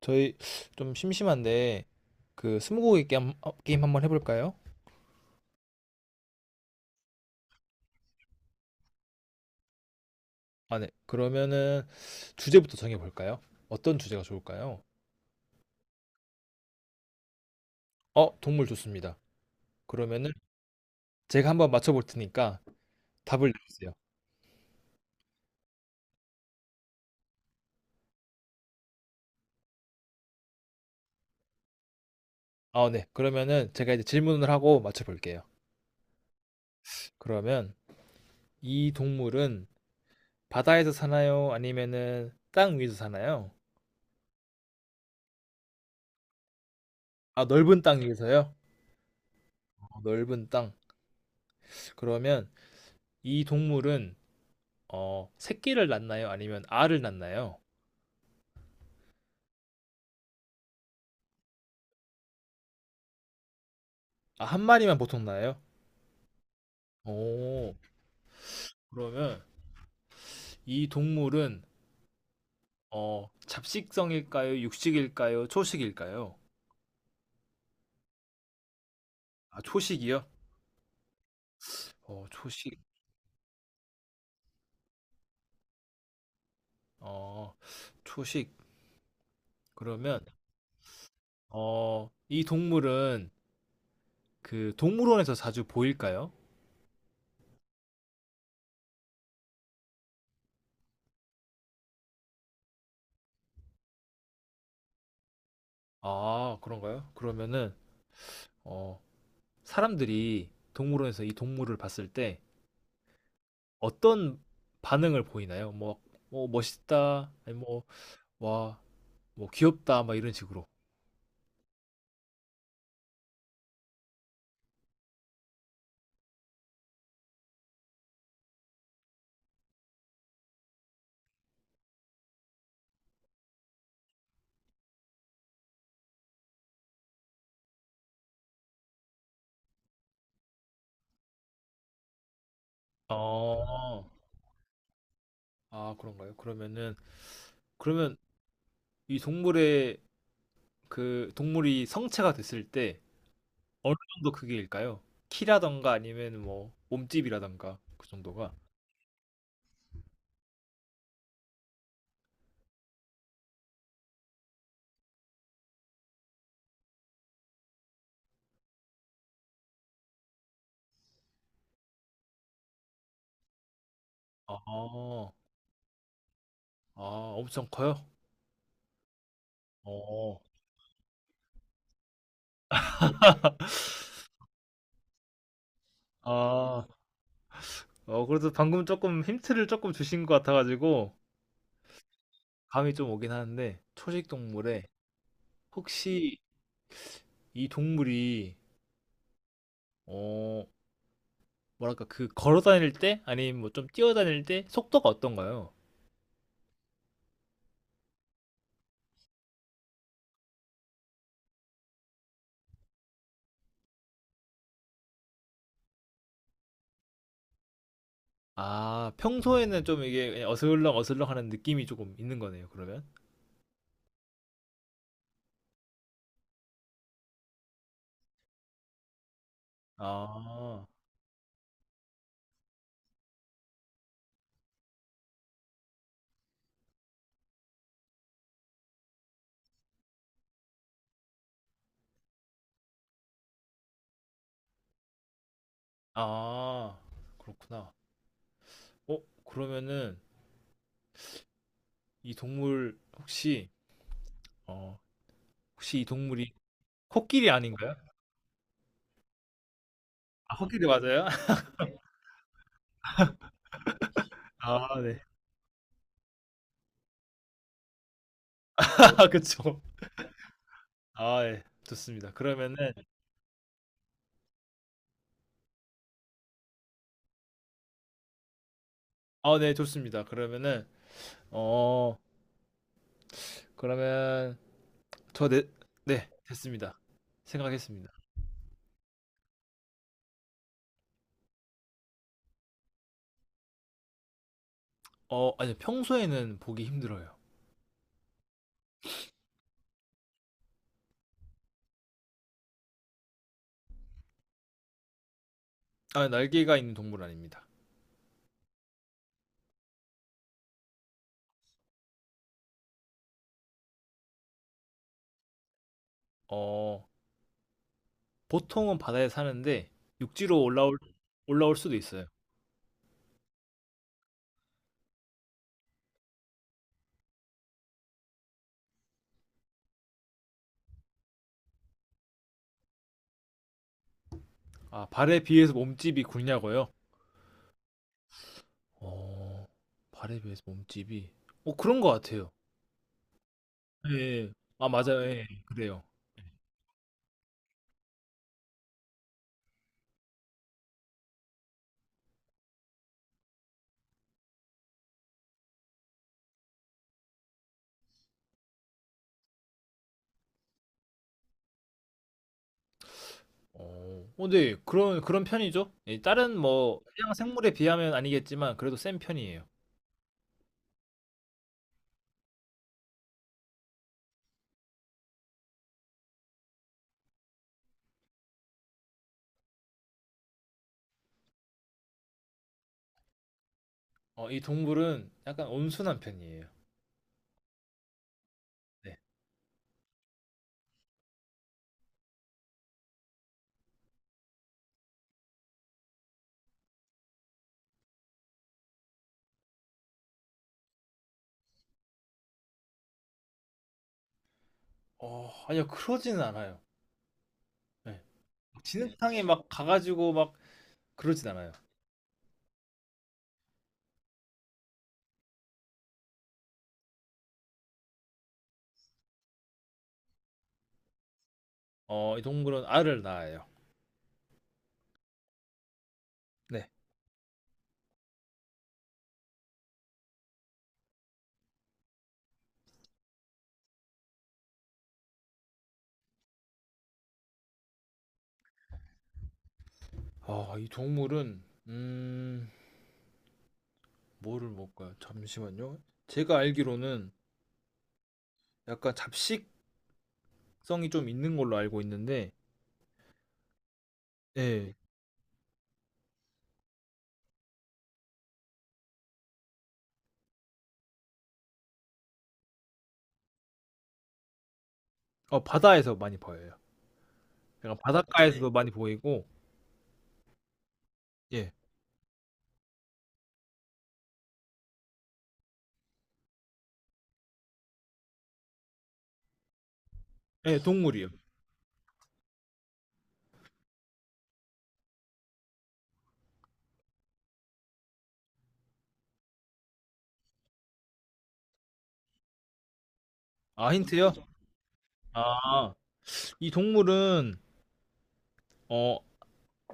저희 좀 심심한데 그 스무고개 게임, 게임 한번 해볼까요? 아, 네. 그러면은 주제부터 정해볼까요? 어떤 주제가 좋을까요? 어, 동물 좋습니다. 그러면은 제가 한번 맞춰볼 테니까 답을 내주세요. 아, 네. 그러면은 제가 이제 질문을 하고 맞춰볼게요. 그러면 이 동물은 바다에서 사나요? 아니면은 땅 위에서 사나요? 아, 넓은 땅 위에서요? 어, 넓은 땅. 그러면 이 동물은 새끼를 낳나요? 아니면 알을 낳나요? 아, 한 마리만 보통 나요? 오, 그러면 이 동물은 잡식성일까요? 육식일까요? 초식일까요? 아, 초식이요? 어, 초식. 어, 초식. 그러면 이 동물은 그 동물원에서 자주 보일까요? 아, 그런가요? 그러면은, 어, 사람들이 동물원에서 이 동물을 봤을 때 어떤 반응을 보이나요? 뭐, 뭐 멋있다, 아니 뭐, 와, 뭐 귀엽다, 막 이런 식으로. 어, 아, 그런가요? 그러면은, 그러면 이 동물의 그 동물이 성체가 됐을 때 어느 정도 크기일까요? 키라던가 아니면 뭐 몸집이라던가 그 정도가? 아, 아, 엄청 커요? 어, 아, 어, 그래도 방금 조금 힌트를 조금 주신 것 같아가지고 감이 좀 오긴 하는데 초식 동물에 혹시 이 동물이 어, 뭐랄까 그 걸어 다닐 때 아니면 뭐 좀 뛰어 다닐 때 속도가 어떤가요? 아, 평소에는 좀 이게 어슬렁어슬렁하는 느낌이 조금 있는 거네요, 그러면? 아. 아, 그렇구나. 어, 그러면은 이 동물 혹시 어 혹시 이 동물이 코끼리 아닌가요? 아, 코끼리 맞아요? 아 네. 그쵸. 아 예. 좋습니다. 그러면은 아 네, 좋습니다. 그러면은 어 그러면 저네 네, 됐습니다. 생각했습니다. 어, 아니 평소에는 보기 힘들어요. 아, 날개가 있는 동물 아닙니다. 어, 보통은 바다에 사는데 육지로 올라올 수도 있어요. 아, 발에 비해서 몸집이 굵냐고요? 어, 발에 비해서 몸집이 어, 그런 것 같아요. 예, 예. 아, 맞아요. 예, 예. 그래요. 어, 어, 데 그런 편이죠. 예, 다른 뭐 해양 생물에 비하면 아니겠지만 그래도 센 편이에요. 어, 이 동물은 약간 온순한 편이에요. 네. 어, 아니요, 그러지는 않아요. 네. 진흙탕에 막 가가지고 막 그러진 않아요. 어, 이 동물은 알을 낳아요. 네. 아, 이 동물은 뭐를 먹을까요? 잠시만요. 제가 알기로는 약간 잡식성이 좀 있는 걸로 알고 있는데, 예, 어, 바다에서 많이 보여요. 약간 네. 바닷가에서도 많이 보이고, 예, 예, 동물이요. 아, 힌트요? 아, 이 동물은 어,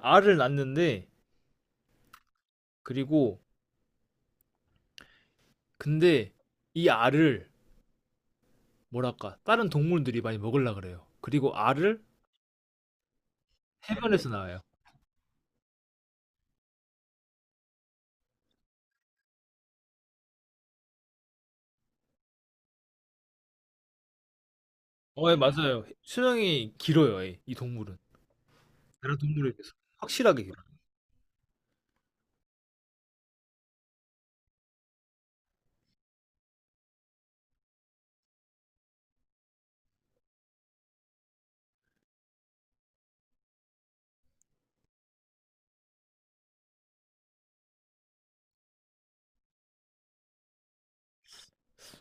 알을 낳는데, 그리고 근데 이 알을 뭐랄까 다른 동물들이 많이 먹으려 그래요. 그리고 알을 해변에서 나와요. 어, 예, 맞아요. 수명이 길어요, 예, 이 동물은. 나라 동물에 대해서 확실하게 기억나요.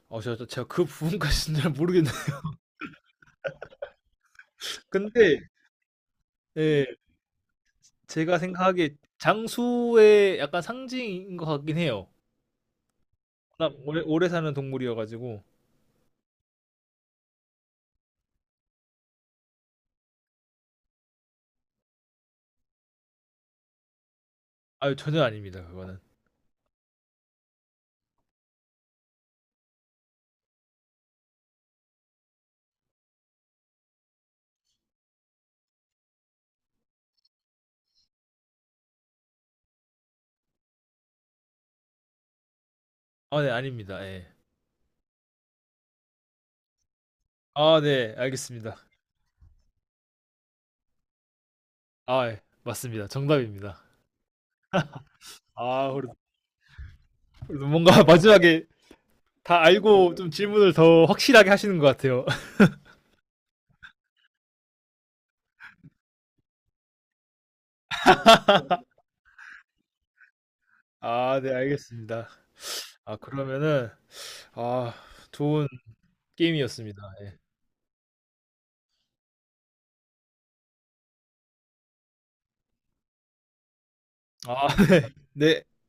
어, 제가 그 부분까지는 잘 모르겠는데 근데 예, 제가 생각하기에 장수의 약간 상징인 것 같긴 해요. 워낙 오래 오래 사는 동물이어 가지고. 아유, 전혀 아닙니다 그거는. 아 네, 아닙니다. 예. 아 네, 알겠습니다. 아 예. 맞습니다. 정답입니다. 아 그래도, 그래도 뭔가 마지막에 다 알고 좀 질문을 더 확실하게 하시는 것 같아요. 아 네, 알겠습니다. 아, 그러면은 아, 좋은 게임이었습니다. 예. 아 네. 네.